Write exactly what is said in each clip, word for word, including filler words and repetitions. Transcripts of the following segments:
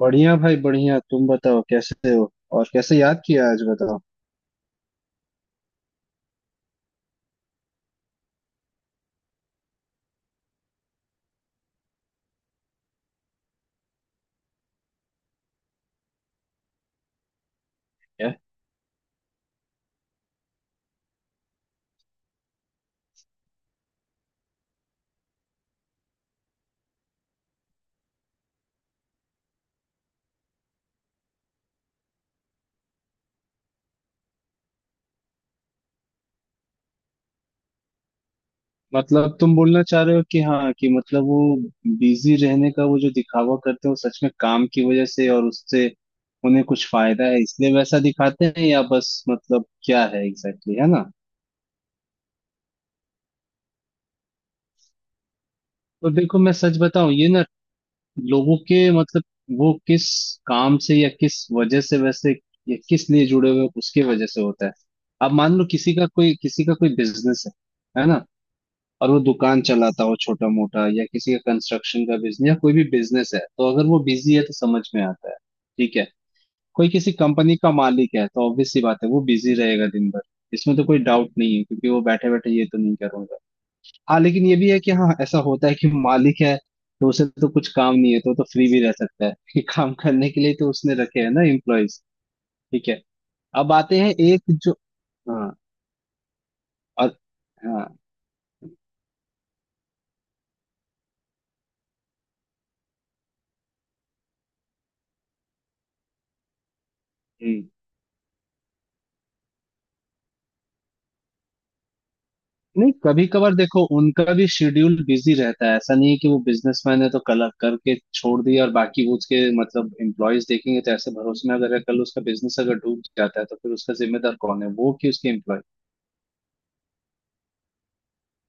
बढ़िया भाई बढ़िया। तुम बताओ कैसे हो? और कैसे याद किया आज, बताओ? क्या मतलब तुम बोलना चाह रहे हो कि हाँ, कि मतलब वो बिजी रहने का वो जो दिखावा करते हैं, वो सच में काम की वजह से, और उससे उन्हें कुछ फायदा है इसलिए वैसा दिखाते हैं या बस मतलब क्या है एग्जैक्टली, exactly, है ना? तो देखो मैं सच बताऊं, ये ना, लोगों के मतलब, वो किस काम से या किस वजह से वैसे या किस लिए जुड़े हुए हैं, उसके वजह से होता है। अब मान लो, किसी का कोई किसी का कोई बिजनेस है है ना, और वो दुकान चलाता हो छोटा मोटा, या किसी का कंस्ट्रक्शन का बिजनेस, या कोई भी बिजनेस है, तो अगर वो बिजी है तो समझ में आता है। ठीक है। कोई किसी कंपनी का मालिक है तो ऑब्वियस सी बात है, वो बिजी रहेगा दिन भर। इसमें तो कोई डाउट नहीं है, क्योंकि वो बैठे बैठे ये तो नहीं करूंगा। हाँ, लेकिन ये भी है कि हाँ, ऐसा होता है कि मालिक है तो उसे तो कुछ काम नहीं है, तो वो तो फ्री भी रह सकता है कि काम करने के लिए तो उसने रखे हैं ना एम्प्लॉयज। ठीक है। अब आते हैं एक जो, हाँ, और, हाँ, हम्म। नहीं, कभी कभार देखो उनका भी शेड्यूल बिजी रहता है। ऐसा नहीं है कि वो बिजनेसमैन है तो कल करके छोड़ दिया और बाकी वो उसके मतलब एम्प्लॉयज देखेंगे। तो ऐसे भरोसे में अगर है, कल उसका बिजनेस अगर डूब जाता है तो फिर उसका जिम्मेदार कौन है? वो कि उसके एम्प्लॉय?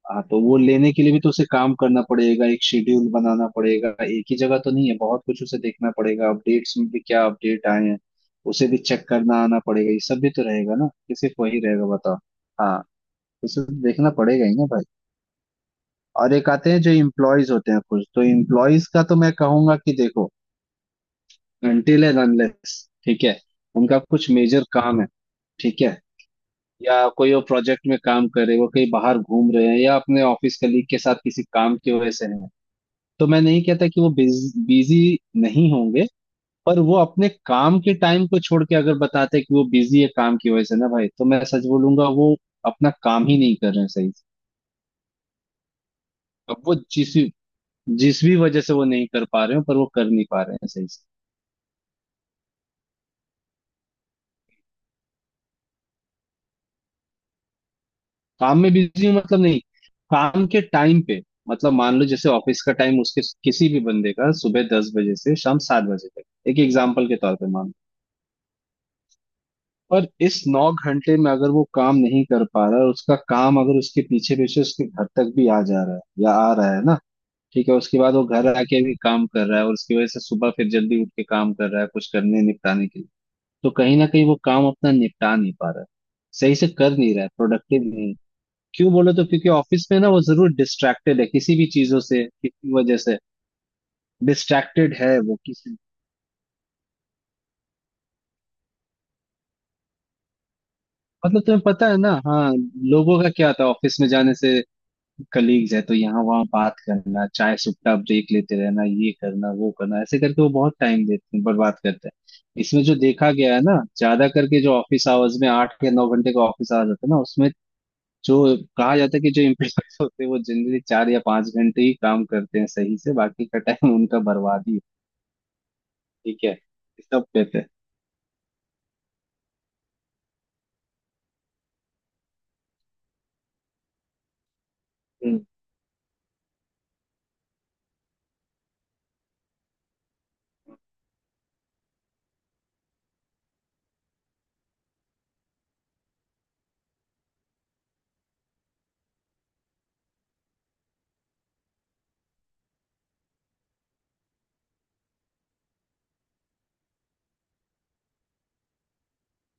हाँ, तो वो लेने के लिए भी तो उसे काम करना पड़ेगा, एक शेड्यूल बनाना पड़ेगा। एक ही जगह तो नहीं है, बहुत कुछ उसे देखना पड़ेगा। अपडेट्स में भी क्या अपडेट आए हैं, उसे भी चेक करना आना पड़ेगा। ये सब भी तो रहेगा ना, कि सिर्फ वही रहेगा, बताओ? हाँ, तो उसे देखना पड़ेगा ही ना भाई। और एक आते हैं जो इम्प्लॉयज होते हैं कुछ, तो इम्प्लॉयज का तो मैं कहूंगा कि देखो, अनटिल एंड अनलेस, ठीक है, उनका कुछ मेजर काम है, ठीक है, या कोई वो प्रोजेक्ट में काम कर रहे हैं, वो कहीं बाहर घूम रहे हैं या अपने ऑफिस कलीग के साथ किसी काम की वजह से है, तो मैं नहीं कहता कि वो बिजी नहीं होंगे। पर वो अपने काम के टाइम को छोड़ के अगर बताते हैं कि वो बिजी है काम की वजह से, ना भाई, तो मैं सच बोलूंगा, वो अपना काम ही नहीं कर रहे हैं सही से। अब वो जिस जिस भी वजह से वो नहीं कर पा रहे हो, पर वो कर नहीं पा रहे हैं सही से। काम में बिजी हूँ मतलब नहीं, काम के टाइम पे। मतलब मान लो जैसे ऑफिस का टाइम उसके किसी भी बंदे का सुबह दस बजे से शाम सात बजे तक, एक एग्जाम्पल के तौर पे मान लो, और इस नौ घंटे में अगर वो काम नहीं कर पा रहा है, और उसका काम अगर उसके पीछे पीछे उसके घर तक भी आ जा रहा है या आ रहा है ना, ठीक है, उसके बाद वो घर आके भी काम कर रहा है और उसकी वजह से सुबह फिर जल्दी उठ के काम कर रहा है कुछ करने निपटाने के लिए, तो कहीं ना कहीं वो काम अपना निपटा नहीं पा रहा है, सही से कर नहीं रहा है, प्रोडक्टिव नहीं। क्यों बोलो तो? क्योंकि ऑफिस में ना वो जरूर डिस्ट्रैक्टेड है किसी भी चीजों से, किसी वजह से डिस्ट्रैक्टेड है। वो किसी मतलब, तुम्हें पता है ना, हाँ, लोगों का क्या होता है ऑफिस में जाने से, कलीग्स है तो यहाँ वहाँ बात करना, चाय सुट्टा ब्रेक लेते रहना, ये करना वो करना, ऐसे करके वो बहुत टाइम देते हैं, बर्बाद करते हैं इसमें, जो देखा गया है ना, ज्यादा करके जो ऑफिस आवर्स में आठ या नौ घंटे का ऑफिस आवर्स होता है ना, उसमें जो कहा जाता है कि जो एम्प्लॉयज होते हैं वो जनरली चार या पांच घंटे ही काम करते हैं सही से, बाकी का टाइम उनका बर्बादी। ठीक है, सब कहते हैं। हम्म।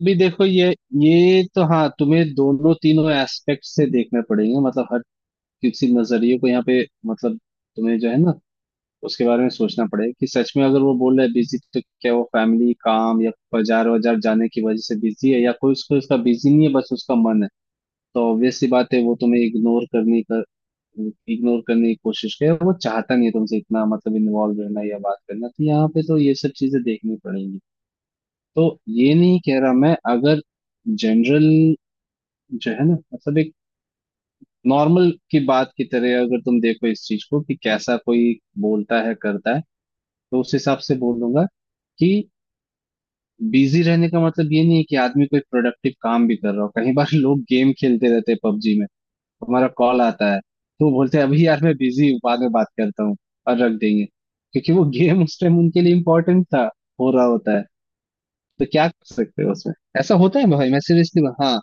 अभी देखो, ये ये तो हाँ तुम्हें दोनों तीनों एस्पेक्ट से देखने पड़ेंगे, मतलब हर किसी नजरिए को यहाँ पे। मतलब तुम्हें जो है ना, उसके बारे में सोचना पड़ेगा कि सच में अगर वो बोल रहा है बिजी, तो क्या वो फैमिली काम या बाजार वाजार जाने की वजह से बिजी है, या कोई उसको उसका बिजी नहीं है, बस उसका मन है तो ऑब्वियस सी बात है वो तुम्हें इग्नोर करने का, इग्नोर करने की कोशिश करे। वो चाहता नहीं है तुमसे इतना मतलब इन्वॉल्व रहना या बात करना, तो यहाँ पे तो ये सब चीजें देखनी पड़ेंगी। तो ये नहीं कह रहा मैं, अगर जनरल जो है ना, मतलब एक नॉर्मल की बात की तरह अगर तुम देखो इस चीज को, कि कैसा कोई बोलता है करता है, तो उस हिसाब से बोलूंगा कि बिजी रहने का मतलब ये नहीं है कि आदमी कोई प्रोडक्टिव काम भी कर रहा हो। कई बार लोग गेम खेलते रहते हैं पबजी में, हमारा कॉल आता है तो बोलते हैं अभी यार मैं बिजी हूँ बाद में बात करता हूँ, और रख देंगे, क्योंकि वो गेम उस टाइम उनके लिए इम्पोर्टेंट था, हो रहा होता है। तो क्या कर सकते हो उसमें? ऐसा होता है भाई, मैं सीरियसली हाँ,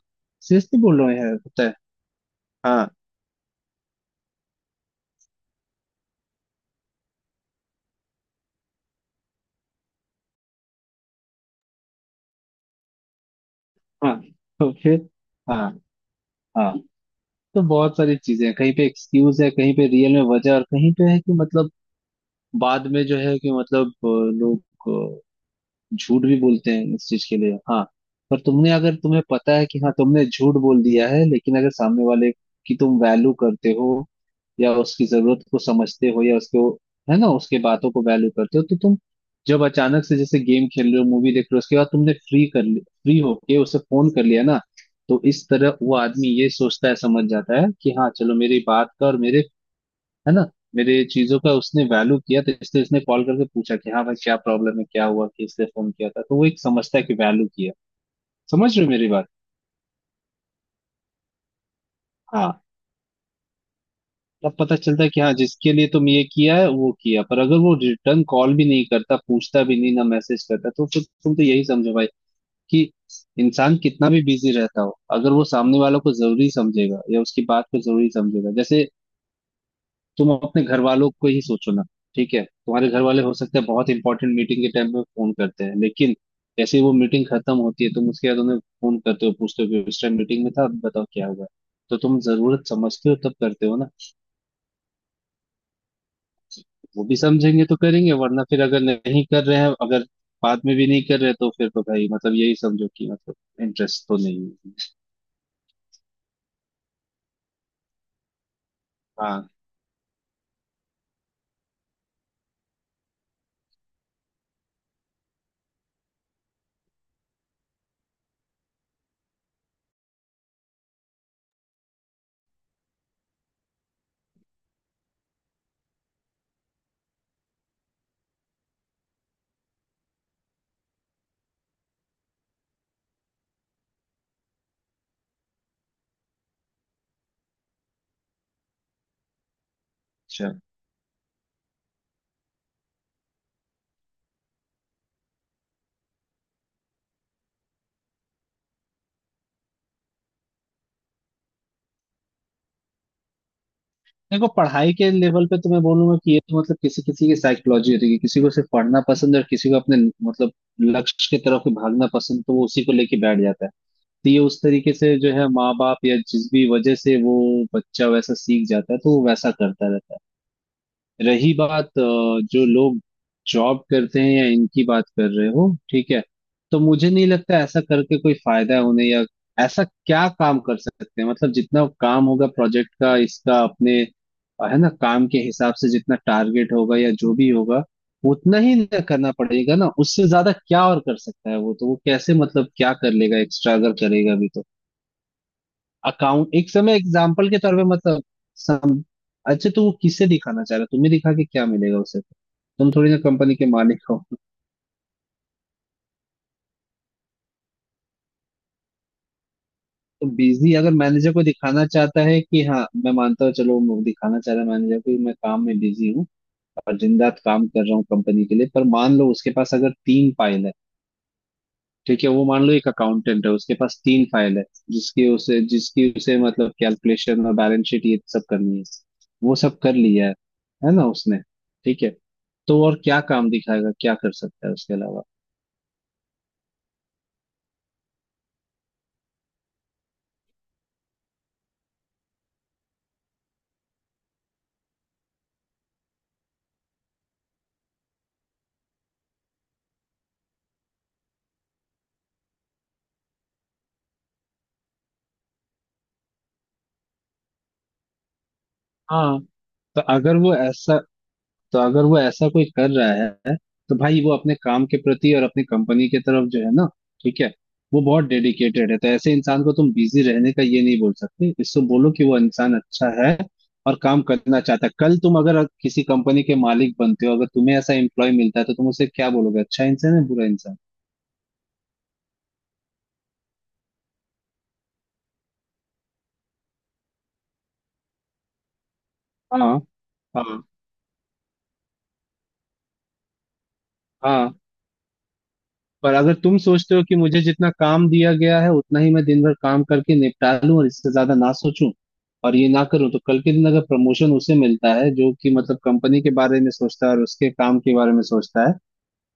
सीरियसली बोल रहा हूँ यार, होता है। हाँ हाँ, तो फिर हाँ हाँ, तो बहुत सारी चीजें हैं, कहीं पे एक्सक्यूज है, कहीं पे रियल में वजह, और कहीं पे है कि मतलब बाद में जो है कि मतलब अ, लोग अ, झूठ भी बोलते हैं इस चीज के लिए। हाँ, पर तुमने, अगर तुम्हें पता है कि हाँ तुमने झूठ बोल दिया है, लेकिन अगर सामने वाले की तुम वैल्यू करते हो या उसकी जरूरत को समझते हो, या उसको है ना, उसके बातों को वैल्यू करते हो, तो तुम जब अचानक से जैसे गेम खेल रहे हो मूवी देख रहे हो, उसके बाद तुमने फ्री कर लिया, फ्री होके उसे फोन कर लिया ना, तो इस तरह वो आदमी ये सोचता है, समझ जाता है कि हाँ चलो मेरी बात का और मेरे, है ना, मेरे चीजों का उसने वैल्यू किया, तो इसलिए उसने कॉल करके पूछा कि हाँ भाई क्या प्रॉब्लम है, क्या हुआ कि इसलिए फोन किया था, तो वो एक समझता है कि वैल्यू किया। समझ रहे हो मेरी बात? हाँ, तब पता चलता है कि हाँ जिसके लिए तुम ये किया है वो किया, पर अगर वो रिटर्न कॉल भी नहीं करता, पूछता भी नहीं ना मैसेज करता, तो फिर तुम तो यही समझो भाई, कि इंसान कितना भी बिजी रहता हो, अगर वो सामने वालों को जरूरी समझेगा या उसकी बात को जरूरी समझेगा। जैसे तुम अपने घर वालों को ही सोचो ना, ठीक है, तुम्हारे घर वाले हो सकते हैं बहुत इंपॉर्टेंट मीटिंग के टाइम पे फोन करते हैं, लेकिन जैसे ही वो मीटिंग खत्म होती है, तुम उसके बाद उन्हें फोन करते हो, पूछते हो कि उस टाइम मीटिंग में था, अब बताओ क्या हुआ। तो तुम जरूरत समझते हो तब करते हो ना, वो भी समझेंगे तो करेंगे, वरना फिर अगर नहीं कर रहे हैं, अगर बाद में भी नहीं कर रहे तो फिर तो भाई मतलब यही समझो कि मतलब इंटरेस्ट तो नहीं है। हाँ, अच्छा। देखो पढ़ाई के लेवल पे तो मैं बोलूंगा कि ये तो मतलब किसी किसी की साइकोलॉजी होती है कि किसी को सिर्फ पढ़ना पसंद है, और किसी को अपने मतलब लक्ष्य की तरफ भागना पसंद, तो वो उसी को लेके बैठ जाता है। तो ये उस तरीके से जो है, माँ बाप या जिस भी वजह से वो बच्चा वैसा सीख जाता है, तो वो वैसा करता रहता है। रही बात अ, जो लोग जॉब करते हैं या इनकी बात कर रहे हो, ठीक है, तो मुझे नहीं लगता ऐसा करके कोई फायदा है उन्हें, या ऐसा क्या काम कर सकते हैं मतलब। जितना काम होगा प्रोजेक्ट का, इसका, अपने अ, है ना, काम के हिसाब से जितना टारगेट होगा या जो भी होगा, उतना ही ना करना पड़ेगा, ना उससे ज्यादा क्या और कर सकता है वो, तो वो कैसे, मतलब क्या कर लेगा एक्स्ट्रा, अगर करेगा भी तो। अकाउंट एक समय एग्जाम्पल के तौर पे मतलब, सम, अच्छा तो वो किसे दिखाना चाह रहा है? तुम्हें दिखा के क्या मिलेगा उसे, तुम थोड़ी ना कंपनी के मालिक हो। तो बिजली अगर मैनेजर को दिखाना चाहता है कि हाँ मैं मानता हूँ चलो, वो दिखाना चाह रहा है मैनेजर को कि मैं काम में बिजी हूँ और दिन रात काम कर रहा हूँ कंपनी के लिए, पर मान लो उसके पास अगर तीन फाइल है, ठीक है, वो मान लो एक अकाउंटेंट है, उसके पास तीन फाइल है, जिसकी उसे जिसकी उसे मतलब कैलकुलेशन और बैलेंस शीट ये सब करनी है, वो सब कर लिया है है ना, उसने, ठीक है, तो और क्या काम दिखाएगा, क्या कर सकता है उसके अलावा? हाँ, तो अगर वो ऐसा तो अगर वो ऐसा कोई कर रहा है, तो भाई वो अपने काम के प्रति और अपनी कंपनी के तरफ जो है ना, ठीक है, वो बहुत डेडिकेटेड है, तो ऐसे इंसान को तुम बिजी रहने का ये नहीं बोल सकते, इसको बोलो कि वो इंसान अच्छा है और काम करना चाहता है। कल तुम अगर किसी कंपनी के मालिक बनते हो, अगर तुम्हें ऐसा एम्प्लॉय मिलता है, तो तुम उसे क्या बोलोगे? अच्छा इंसान है बुरा इंसान? हाँ हाँ हाँ। पर अगर तुम सोचते हो कि मुझे जितना काम दिया गया है उतना ही मैं दिन भर काम करके निपटा लूं, और इससे ज्यादा ना सोचूं और ये ना करूं, तो कल के दिन अगर प्रमोशन उसे मिलता है जो कि मतलब कंपनी के बारे में सोचता है और उसके काम के बारे में सोचता है,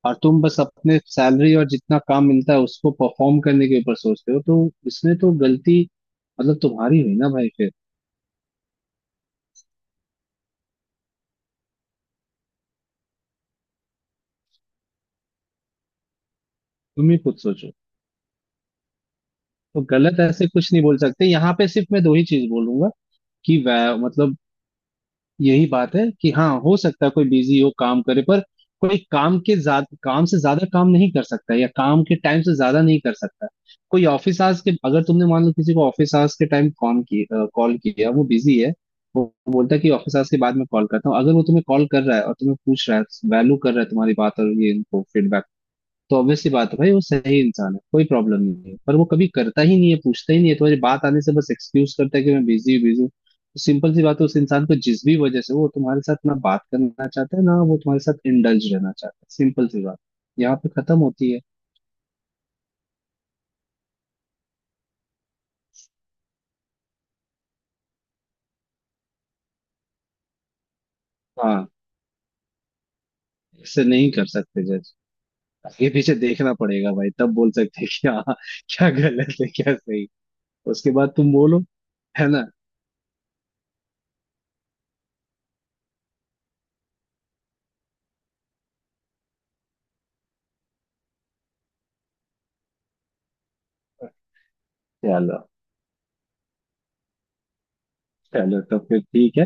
और तुम बस अपने सैलरी और जितना काम मिलता है उसको परफॉर्म करने के ऊपर सोचते हो, तो इसमें तो गलती मतलब तुम्हारी हुई ना भाई फिर। तुम ही खुद सोचो। तो गलत ऐसे कुछ नहीं बोल सकते यहाँ पे, सिर्फ मैं दो ही चीज बोलूंगा कि वै- मतलब यही बात है कि हाँ, हो सकता है कोई बिजी हो काम करे, पर कोई काम के ज्यादा, काम से ज्यादा काम नहीं कर सकता, या काम के टाइम से ज्यादा नहीं कर सकता। कोई ऑफिस आवर्स के, अगर तुमने मान लो किसी को ऑफिस आवर्स के टाइम कॉल किया, कॉल किया वो बिजी है, वो वो बोलता है कि ऑफिस आवर्स के बाद मैं कॉल करता हूँ, अगर वो तुम्हें कॉल कर रहा है और तुम्हें पूछ रहा है, वैल्यू कर रहा है तुम्हारी बात और ये इनको फीडबैक, तो ऑब्वियस सी बात है भाई वो सही इंसान है, कोई प्रॉब्लम नहीं है। पर वो कभी करता ही नहीं है, पूछता ही नहीं है तुम्हारी बात आने से, बस एक्सक्यूज करता है कि मैं बिजी बिजी हूँ, तो सिंपल सी बात है उस इंसान को जिस भी वजह से, वो तुम्हारे साथ ना बात करना चाहता है, ना वो तुम्हारे साथ इंडल्ज रहना चाहता है, सिंपल सी बात यहाँ पे खत्म होती है। हाँ, इससे नहीं कर सकते जज, आगे पीछे देखना पड़ेगा भाई, तब बोल सकते हैं कि हाँ क्या गलत है क्या सही, उसके बाद तुम बोलो, है ना? चलो। चलो तो फिर ठीक है।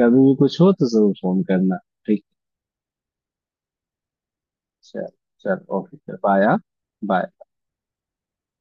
कभी भी कुछ हो तो जरूर फोन करना, ठीक है? चल, चल, ओके, फिर बाय, हाँ? बाय।